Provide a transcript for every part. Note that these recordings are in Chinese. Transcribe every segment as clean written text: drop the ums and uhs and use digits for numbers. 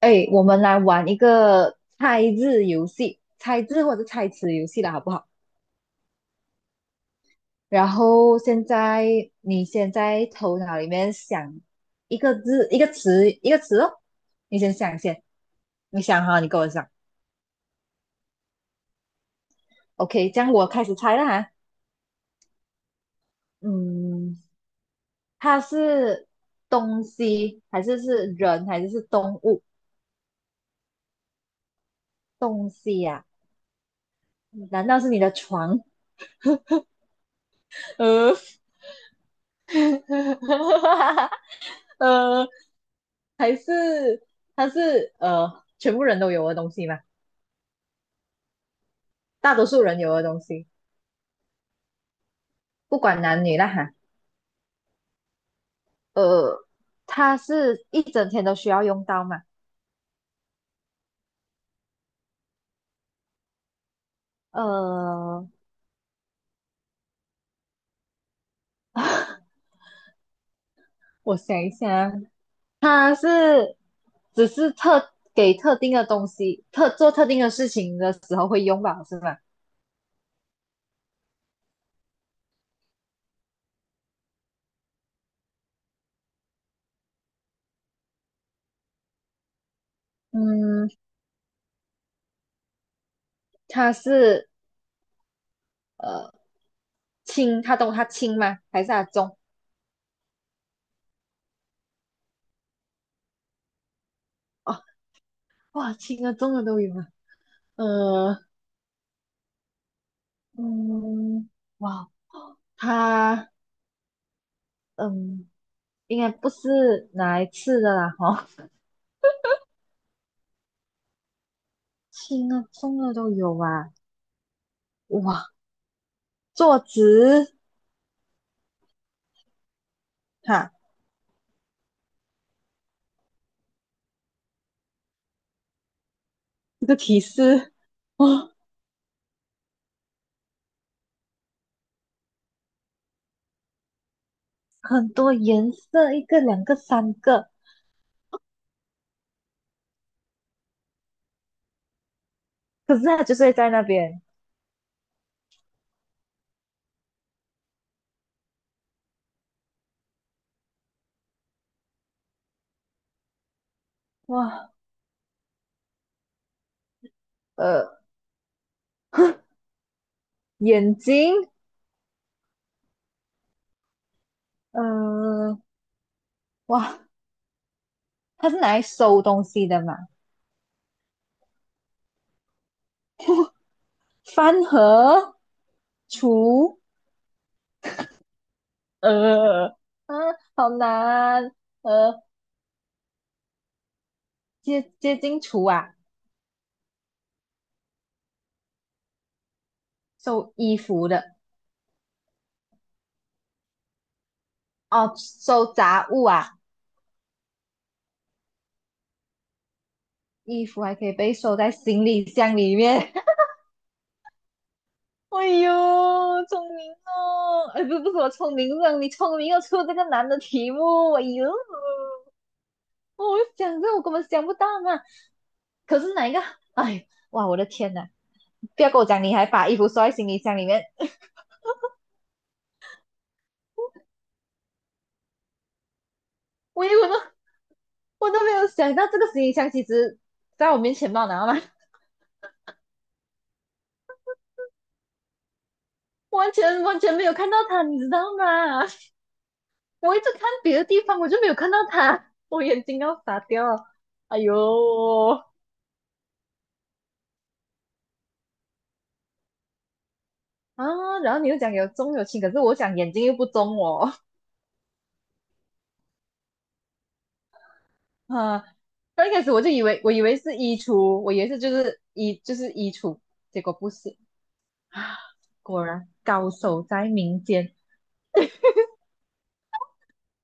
哎，我们来玩一个猜字游戏，猜字或者猜词游戏了，好不好？然后现在你先在头脑里面想一个字、一个词、一个词哦，你先想先，你想哈，你跟我讲。OK，这样我开始猜了哈。嗯，它是东西还是是人还是是动物？东西呀、难道是你的床？呃，呃，还是它是全部人都有的东西嘛，大多数人有的东西，不管男女啦哈。呃，它是一整天都需要用到嘛？呃，我想一下，它是只是特给特定的东西，特做特定的事情的时候会用吧，是吗？嗯，它是呃轻，它懂它轻吗？还是它重？哦，哇，轻的重的都有啊。呃，嗯，哇，它嗯，应该不是拿来吃的啦，哦，轻的重的都有啊，哇，坐直，哈，这个提示，哇，很多颜色，一个、两个、三个，可是它就睡在那边，哇，呃，眼睛，呃，哇，它是拿来收东西的嘛，饭盒，厨，呃，啊，好难。呃，接接近厨啊，收衣服的哦，收杂物啊，衣服还可以被收在行李箱里面。哎呦，聪明哦！哎，不不是我聪明让你聪明又出这个难的题目。哎呦，哦我想这我根本想不到嘛。可是哪一个？哎，哇，我的天呐！不要跟我讲你还把衣服收在行李箱里面，我以为我都我都没有想到这个行李箱其实在我面前嘛，然后呢？完全完全没有看到他，你知道吗？我一直看别的地方，我就没有看到他，我眼睛要傻掉了。哎呦啊！然后你又讲有重有轻，可是我讲眼睛又不中哦。啊，刚一开始我就以为是衣橱，我以为是就是衣橱，结果不是啊，果然高手在民间。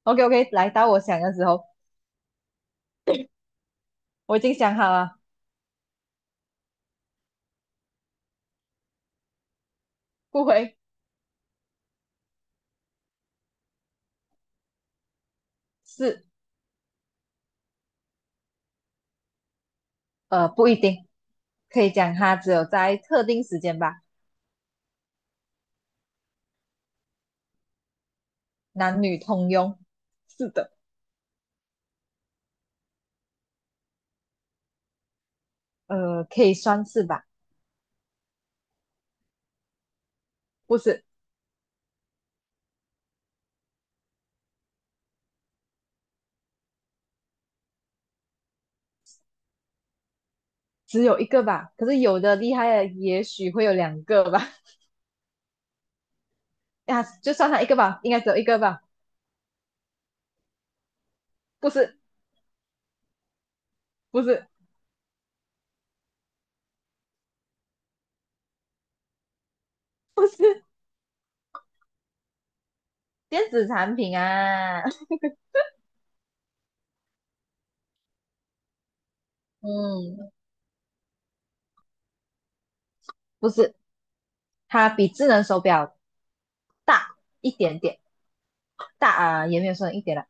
OK OK，来到我想的时候，我已经想好了，不回是不一定，可以讲它只有在特定时间吧。男女通用。是的，呃，可以算是吧，不是只有一个吧？可是有的厉害的也许会有两个吧？呀，就算它一个吧，应该只有一个吧？不是，不是，不是电子产品啊，嗯，不是，它比智能手表大一点点，大啊，也没有说一点啦。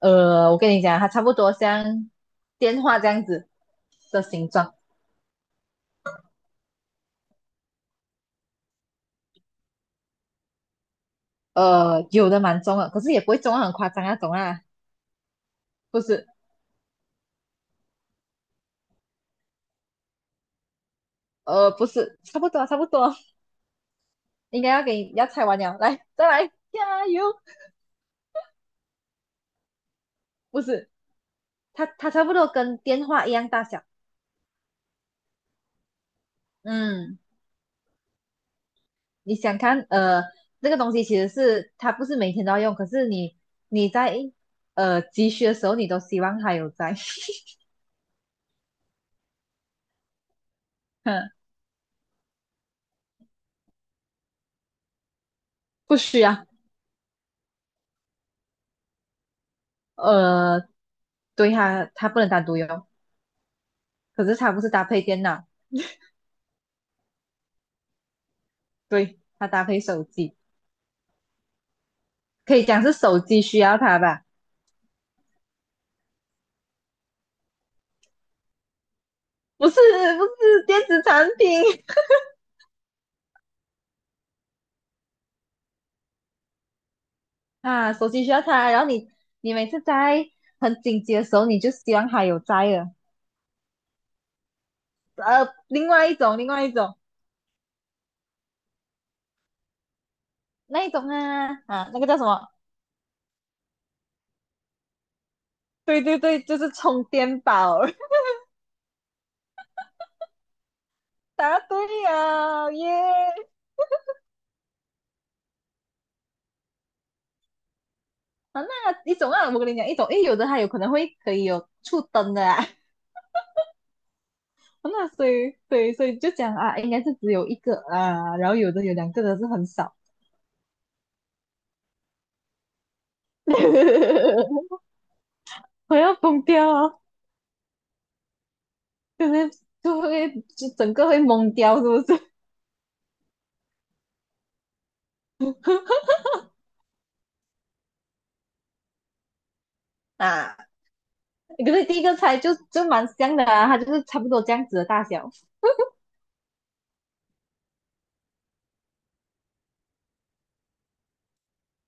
呃，我跟你讲，它差不多像电话这样子的形状，呃，有的蛮重的，可是也不会重到很夸张那种啊，不是。呃，不是，差不多啊差不多，应该要给你要拆完了，来，再来，加油！不是，它差不多跟电话一样大小。嗯，你想看，呃，这个东西其实是它不是每天都要用，可是你你在急需的时候，你都希望它有在。嗯，不需要。呃，对它不能单独用，可是它不是搭配电脑，对，它搭配手机，可以讲是手机需要它吧？不是，不是电子产品。啊，手机需要插，然后你你每次在很紧急的时候，你就希望它有在了。呃，另外一种，另外一种，那一种啊啊，那个叫什么？对对对，就是充电宝。答对了，耶！啊，那一种啊，我跟你讲，一种，因为有的它有可能会可以有触灯的啊。那所以，对，所以就讲啊，应该是只有一个啊，然后有的有两个的是很少。我要疯掉啊！就是就会就整个会懵掉，是不是？啊，可是第一个猜就就蛮像的啊，它就是差不多这样子的大小，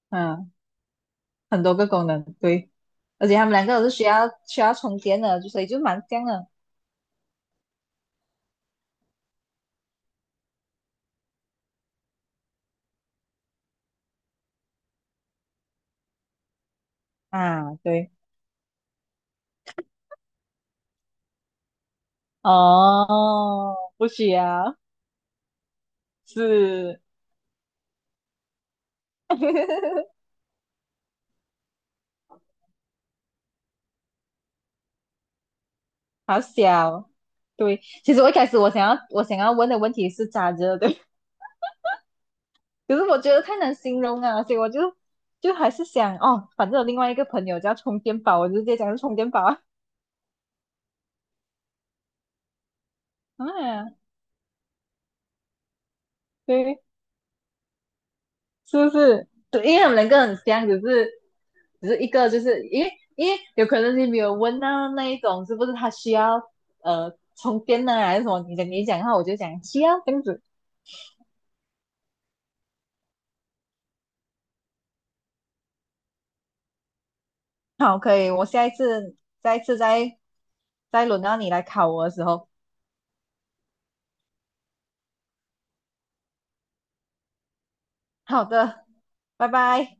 嗯，很多个功能，对，而且他们两个都是需要充电的，就所以就蛮像的啊，对，哦，不需要，是，好小，对，其实我一开始我想要问的问题是咋着，对，可是我觉得太难形容啊，所以我就就还是想哦，反正有另外一个朋友叫充电宝，我就直接讲是充电宝啊，啊，对。是不是？对，因为他们两个很像，只是只是一个就是因为有可能你没有问到那一种是不是他需要充电呢、还是什么？你讲的话，我就讲需要这样子。好，可以，我下一次再轮到你来考我的时候，好的，拜拜。